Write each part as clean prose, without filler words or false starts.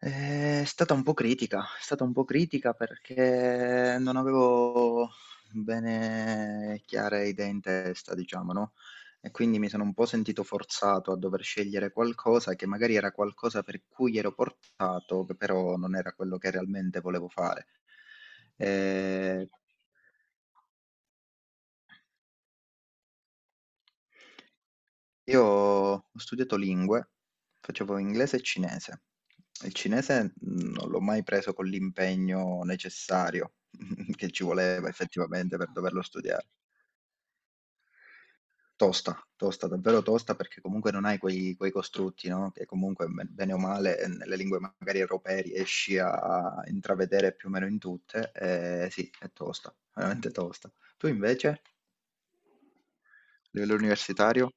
È stata un po' critica, è stata un po' critica perché non avevo bene chiare idee in testa, diciamo, no, e quindi mi sono un po' sentito forzato a dover scegliere qualcosa che magari era qualcosa per cui ero portato, che però non era quello che realmente volevo fare. Ehm Io ho studiato lingue, facevo inglese e cinese. Il cinese non l'ho mai preso con l'impegno necessario che ci voleva effettivamente per doverlo studiare. Tosta, tosta, davvero tosta perché comunque non hai quei costrutti, no? Che comunque bene o male nelle lingue magari europee riesci a intravedere più o meno in tutte. Sì, è tosta, veramente tosta. Tu invece, a livello universitario?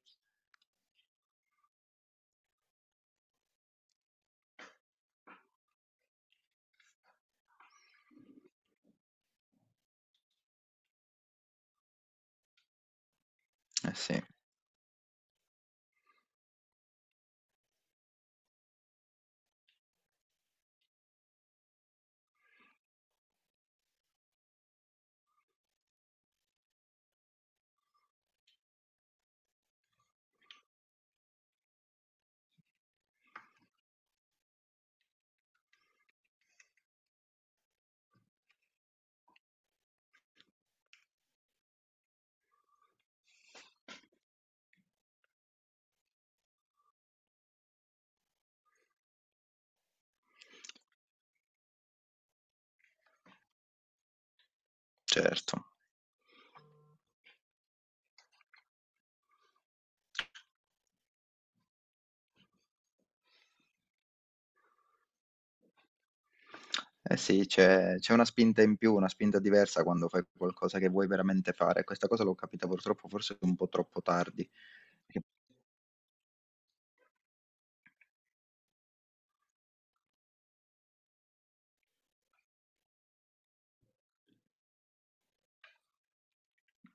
Eh sì. Certo. Eh sì, c'è una spinta in più, una spinta diversa quando fai qualcosa che vuoi veramente fare. Questa cosa l'ho capita purtroppo forse un po' troppo tardi. Perché-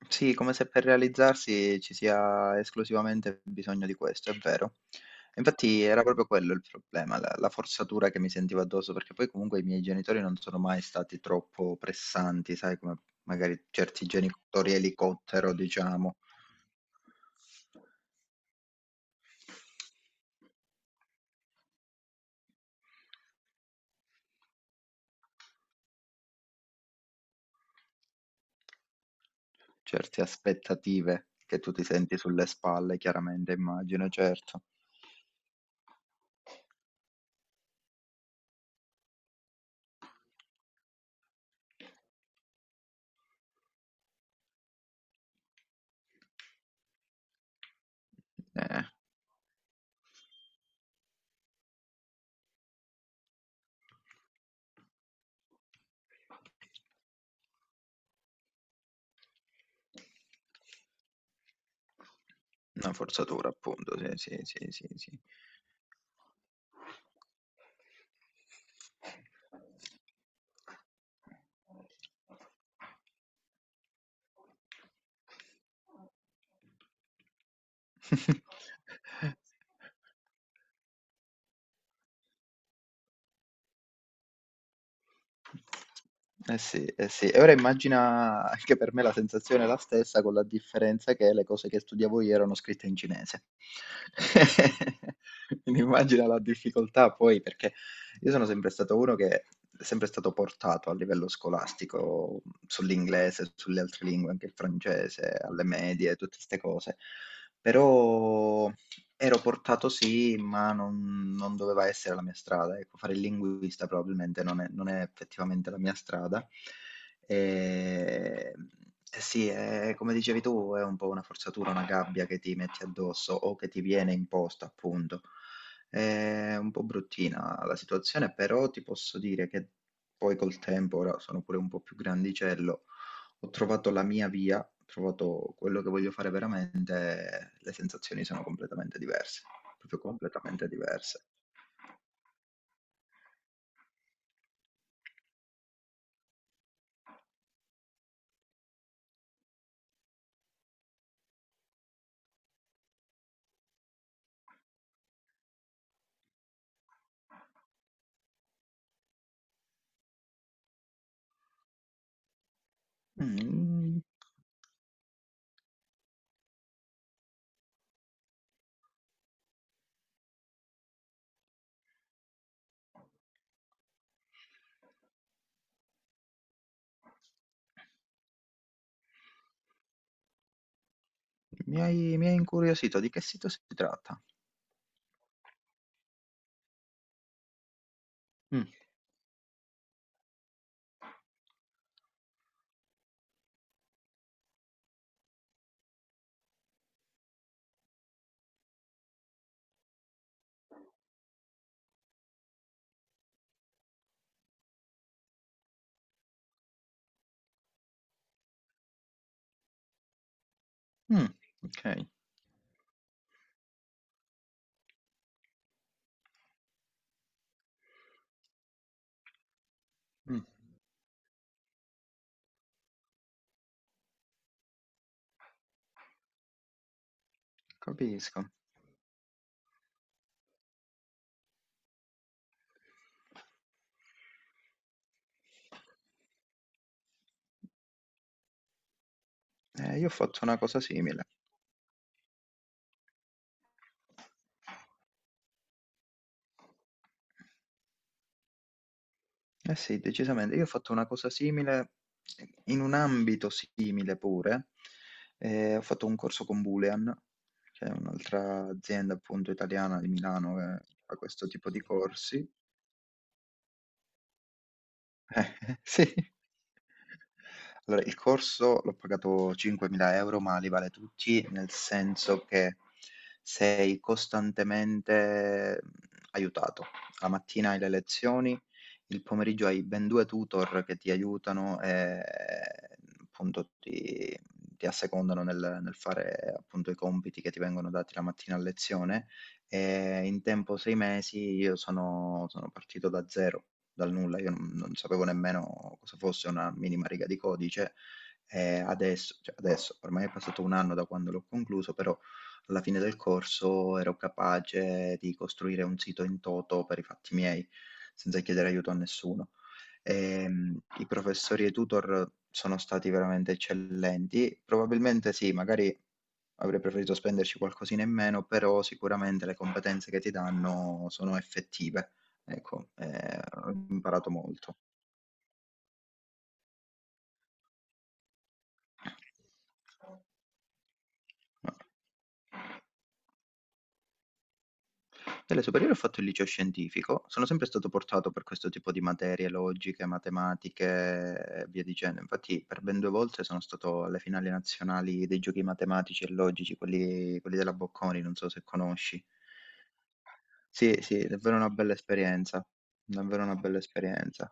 Sì, come se per realizzarsi ci sia esclusivamente bisogno di questo, è vero. Infatti era proprio quello il problema, la forzatura che mi sentivo addosso, perché poi comunque i miei genitori non sono mai stati troppo pressanti, sai, come magari certi genitori elicottero, diciamo. Certe aspettative che tu ti senti sulle spalle, chiaramente immagino, certo. Eh, una forzatura appunto, sì, sì, sì, sì, sì. Eh sì, eh sì. E ora immagina anche per me la sensazione è la stessa, con la differenza che le cose che studiavo io erano scritte in cinese. Quindi immagina la difficoltà poi, perché io sono sempre stato uno che è sempre stato portato a livello scolastico sull'inglese, sulle altre lingue, anche il francese, alle medie, tutte queste cose. Però, ero portato sì, ma non doveva essere la mia strada. Ecco, fare il linguista probabilmente non è effettivamente la mia strada. Ehm, e sì, è come dicevi tu, è un po' una forzatura, una gabbia che ti metti addosso o che ti viene imposta, appunto. È un po' bruttina la situazione, però ti posso dire che poi col tempo, ora sono pure un po' più grandicello, ho trovato la mia via, ho trovato quello che voglio fare veramente, le sensazioni sono completamente diverse, proprio completamente diverse. Mm, mi hai incuriosito, di che sito si tratta? Mm, mm, ok, mm, capisco. Io ho fatto una cosa simile. Eh sì, decisamente. Io ho fatto una cosa simile, in un ambito simile pure, ho fatto un corso con Boolean, che è un'altra azienda appunto italiana di Milano che fa questo tipo di corsi, eh, sì. Allora, il corso l'ho pagato 5.000 € ma li vale tutti, nel senso che sei costantemente aiutato. La mattina hai le lezioni, il pomeriggio hai ben 2 tutor che ti aiutano e, appunto ti assecondano nel fare, appunto, i compiti che ti vengono dati la mattina a lezione e in tempo 6 mesi io sono partito da 0 dal nulla, io non sapevo nemmeno cosa fosse una minima riga di codice, e adesso cioè adesso, ormai è passato 1 anno da quando l'ho concluso, però alla fine del corso ero capace di costruire un sito in toto per i fatti miei, senza chiedere aiuto a nessuno. I professori e i tutor sono stati veramente eccellenti. Probabilmente sì, magari avrei preferito spenderci qualcosina in meno, però sicuramente le competenze che ti danno sono effettive. Ecco, ho imparato molto. No. Alle superiori ho fatto il liceo scientifico, sono sempre stato portato per questo tipo di materie logiche, matematiche e via dicendo. Infatti per ben 2 volte sono stato alle finali nazionali dei giochi matematici e logici, quelli della Bocconi, non so se conosci. Sì, sì, davvero una bella esperienza, davvero una bella esperienza.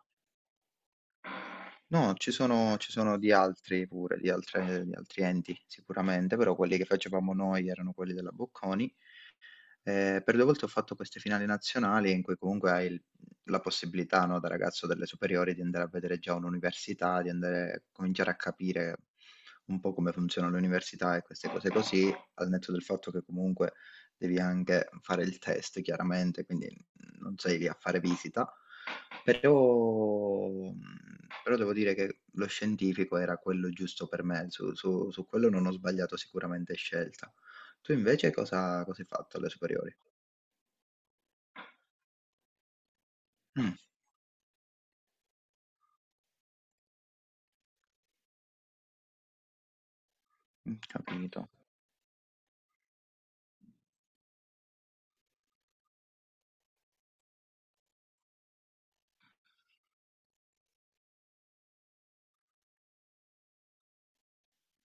No, ci sono di altri pure, di altri enti sicuramente, però quelli che facevamo noi erano quelli della Bocconi. Per 2 volte ho fatto queste finali nazionali in cui comunque hai il la possibilità, no, da ragazzo delle superiori di andare a vedere già un'università, di andare cominciare a capire un po' come funziona l'università e queste cose così, al netto del fatto che comunque devi anche fare il test chiaramente, quindi non sei lì a fare visita. Però mhmm, però devo dire che lo scientifico era quello giusto per me, su quello non ho sbagliato sicuramente scelta. Tu invece cosa hai fatto alle superiori? Mh, capito.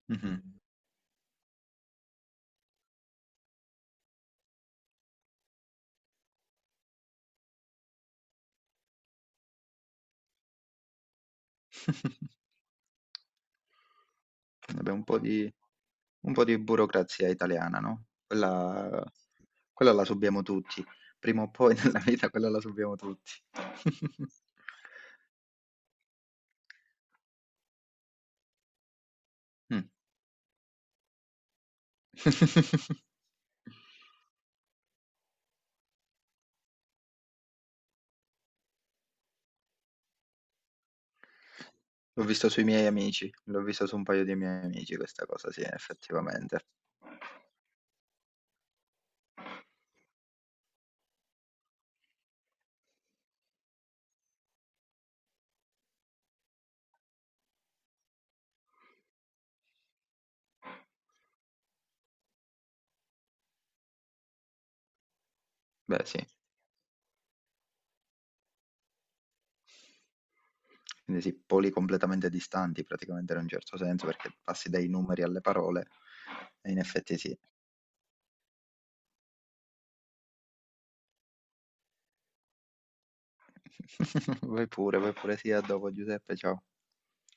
Mh-mh. Vabbè un po' di burocrazia italiana, no, quella la subiamo tutti. Prima o poi nella vita quella la subiamo tutti. Mh. L'ho vista sui miei amici, l'ho vista su un paio di miei amici questa cosa, sì, effettivamente. Beh, sì. Quindi sì, poli completamente distanti praticamente in un certo senso, perché passi dai numeri alle parole, e in effetti sì. Vai pure, sì, a dopo Giuseppe, ciao.